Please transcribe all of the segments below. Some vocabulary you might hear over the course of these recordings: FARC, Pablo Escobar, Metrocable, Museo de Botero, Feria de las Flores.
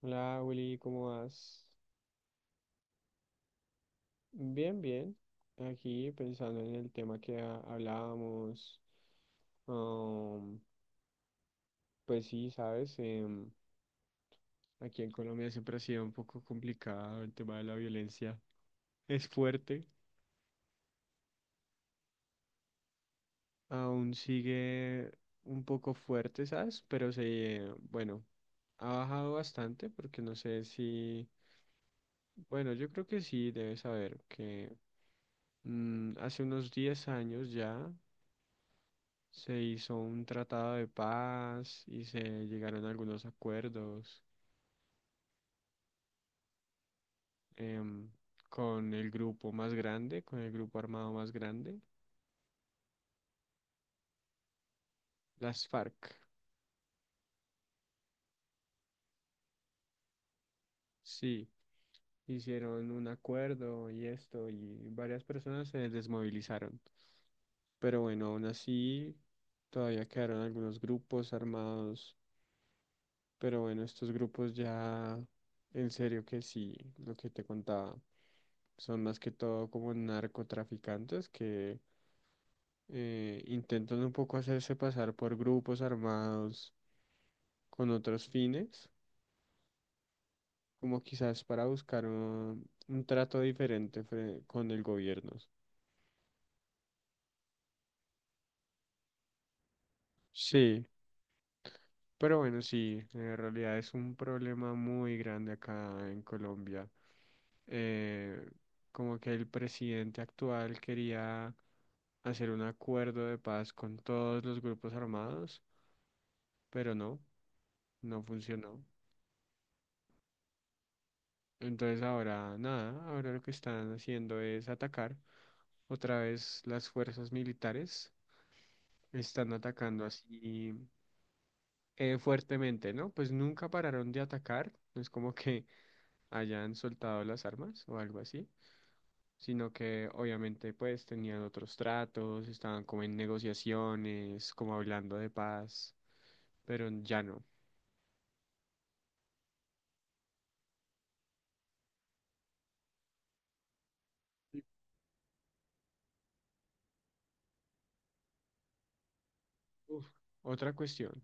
Hola Willy, ¿cómo vas? Bien, bien. Aquí pensando en el tema que hablábamos. um, pues sí, sabes, aquí en Colombia siempre ha sido un poco complicado el tema de la violencia. Es fuerte, aún sigue un poco fuerte, ¿sabes? Pero se, bueno, ha bajado bastante porque no sé si, bueno, yo creo que sí, debes saber que hace unos 10 años ya. Se hizo un tratado de paz y se llegaron a algunos acuerdos em, con el grupo más grande, con el grupo armado más grande, las FARC. Sí, hicieron un acuerdo y esto, y varias personas se desmovilizaron. Pero bueno, aún así todavía quedaron algunos grupos armados. Pero bueno, estos grupos ya, en serio que sí, lo que te contaba, son más que todo como narcotraficantes que intentan un poco hacerse pasar por grupos armados con otros fines, como quizás para buscar un trato diferente con el gobierno. Sí, pero bueno, sí, en realidad es un problema muy grande acá en Colombia. Eh, Como que el presidente actual quería hacer un acuerdo de paz con todos los grupos armados, pero no, no funcionó. Entonces ahora nada, ahora lo que están haciendo es atacar. Otra vez las fuerzas militares están atacando así fuertemente, ¿no? Pues nunca pararon de atacar, no es como que hayan soltado las armas o algo así, sino que obviamente pues tenían otros tratos, estaban como en negociaciones, como hablando de paz, pero ya no. Y, uf, otra cuestión,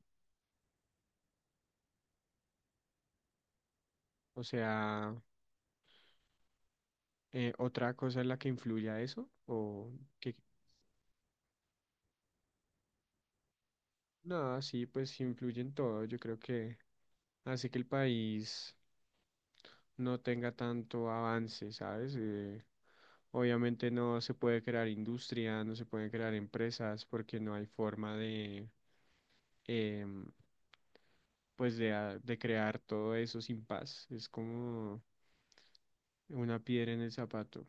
o sea... ¿Otra cosa es la que influye a eso? ¿O que... Nada, sí, pues influye en todo. Yo creo que hace que el país no tenga tanto avance, ¿sabes? Obviamente no se puede crear industria, no se pueden crear empresas porque no hay forma de, em, pues de, de crear todo eso sin paz. Es como una piedra en el zapato.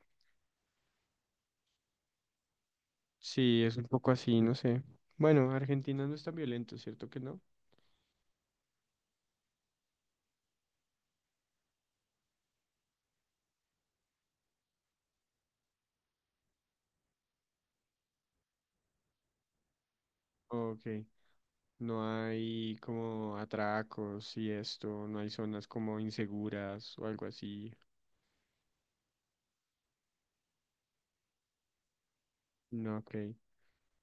Sí, es un poco así, no sé. Bueno, Argentina no es tan violento, ¿cierto que no? Ok. No hay como atracos y esto, no hay zonas como inseguras o algo así. No, ok.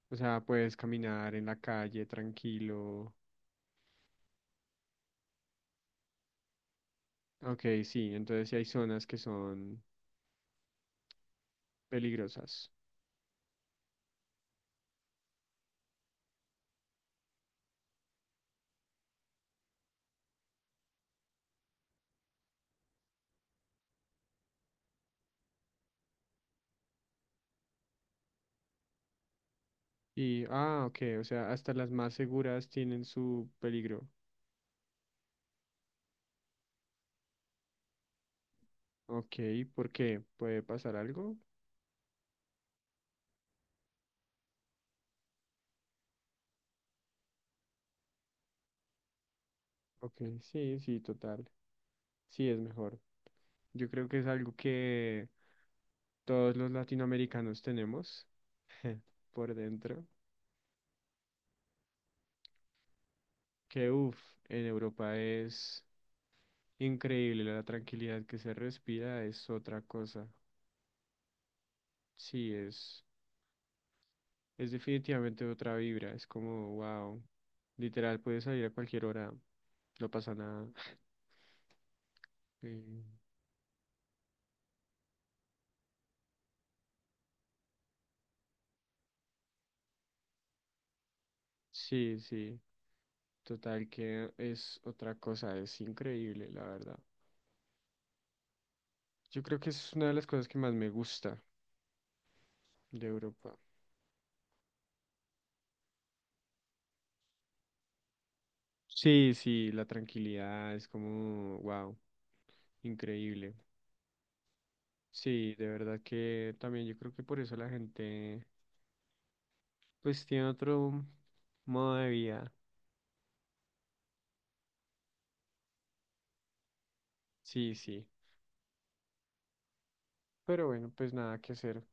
O sea, puedes caminar en la calle tranquilo. Ok, sí, entonces sí hay zonas que son peligrosas. Y, ah, ok, o sea, hasta las más seguras tienen su peligro. Ok, ¿por qué? ¿Puede pasar algo? Ok, sí, sí, total. Sí, es mejor. Yo creo que es algo que todos los latinoamericanos tenemos por dentro. Que uff, en Europa es increíble la tranquilidad que se respira, es otra cosa. Sí, es, es definitivamente otra vibra. Es como, wow, literal, puedes salir a cualquier hora, no pasa nada. Eh, Sí, sí, total que es otra cosa, es increíble, la verdad. Yo creo que es una de las cosas que más me gusta de Europa. Sí, sí, la tranquilidad es como, wow, increíble. Sí, de verdad que también yo creo que por eso la gente pues tiene otro modo de vida. Sí, sí. Pero bueno, pues nada que hacer.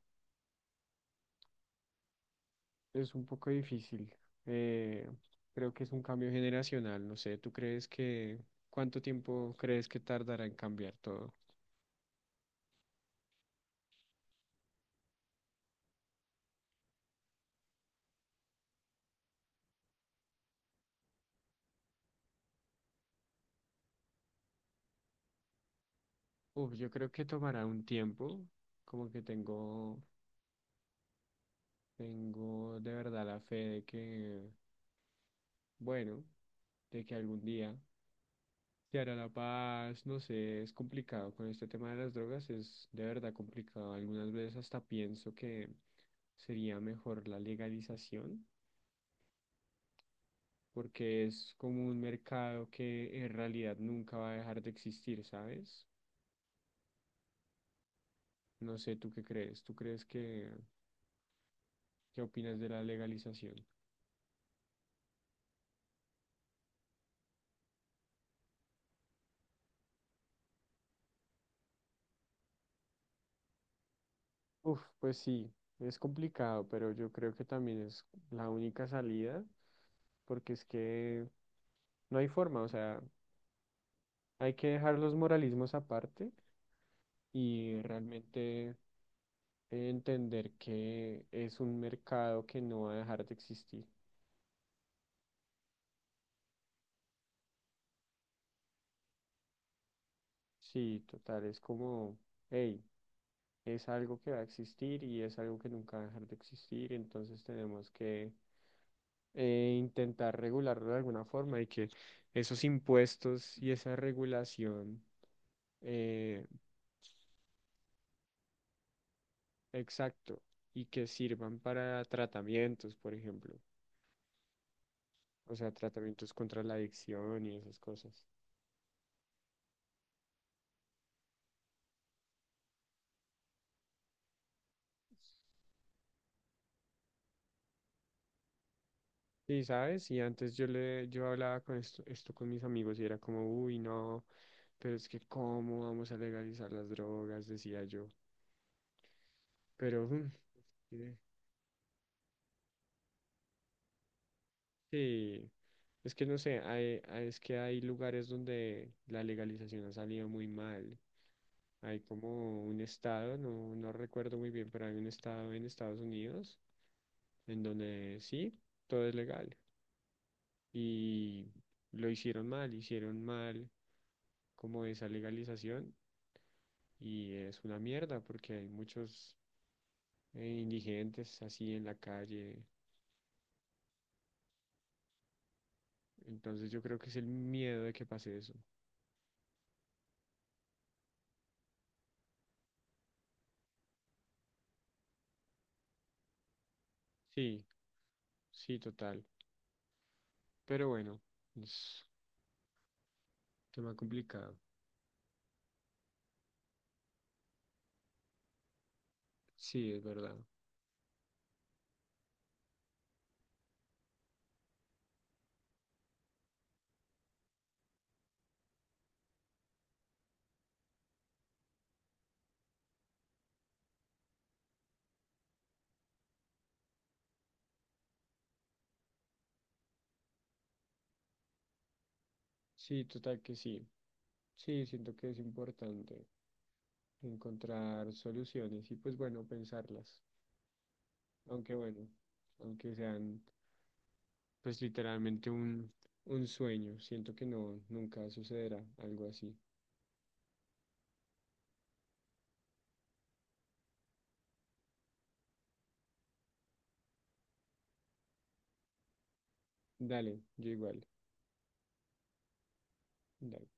Es un poco difícil. Eh, Creo que es un cambio generacional. No sé, ¿tú crees que cuánto tiempo crees que tardará en cambiar todo? Uf, yo creo que tomará un tiempo. Como que tengo, Tengo de verdad la fe de que... Bueno, de que algún día se hará la paz, no sé, es complicado. Con este tema de las drogas es de verdad complicado. Algunas veces hasta pienso que sería mejor la legalización, porque es como un mercado que en realidad nunca va a dejar de existir, ¿sabes? No sé, ¿tú qué crees? ¿Tú crees que, qué opinas de la legalización? Uf, pues sí, es complicado, pero yo creo que también es la única salida, porque es que no hay forma, o sea, hay que dejar los moralismos aparte y realmente entender que es un mercado que no va a dejar de existir. Sí, total, es como, hey, es algo que va a existir y es algo que nunca va a dejar de existir, entonces tenemos que intentar regularlo de alguna forma y que esos impuestos y esa regulación, eh, exacto, y que sirvan para tratamientos, por ejemplo, o sea, tratamientos contra la adicción y esas cosas. Sí, ¿sabes? Y antes yo hablaba con esto con mis amigos y era como, uy, no, pero es que ¿cómo vamos a legalizar las drogas? Decía yo. Pero eh, sí, es que no sé, es que hay lugares donde la legalización ha salido muy mal. Hay como un estado, no, no recuerdo muy bien, pero hay un estado en Estados Unidos en donde sí, todo es legal. Y lo hicieron mal como esa legalización y es una mierda porque hay muchos indigentes así en la calle. Entonces yo creo que es el miedo de que pase eso. Sí, sí, total. Pero bueno, es un tema complicado. Sí, es verdad. Sí, total que sí. Sí, siento que es importante encontrar soluciones y pues bueno, pensarlas. Aunque bueno, aunque sean pues literalmente un sueño, siento que no, nunca sucederá algo así. Dale, yo igual. Dale.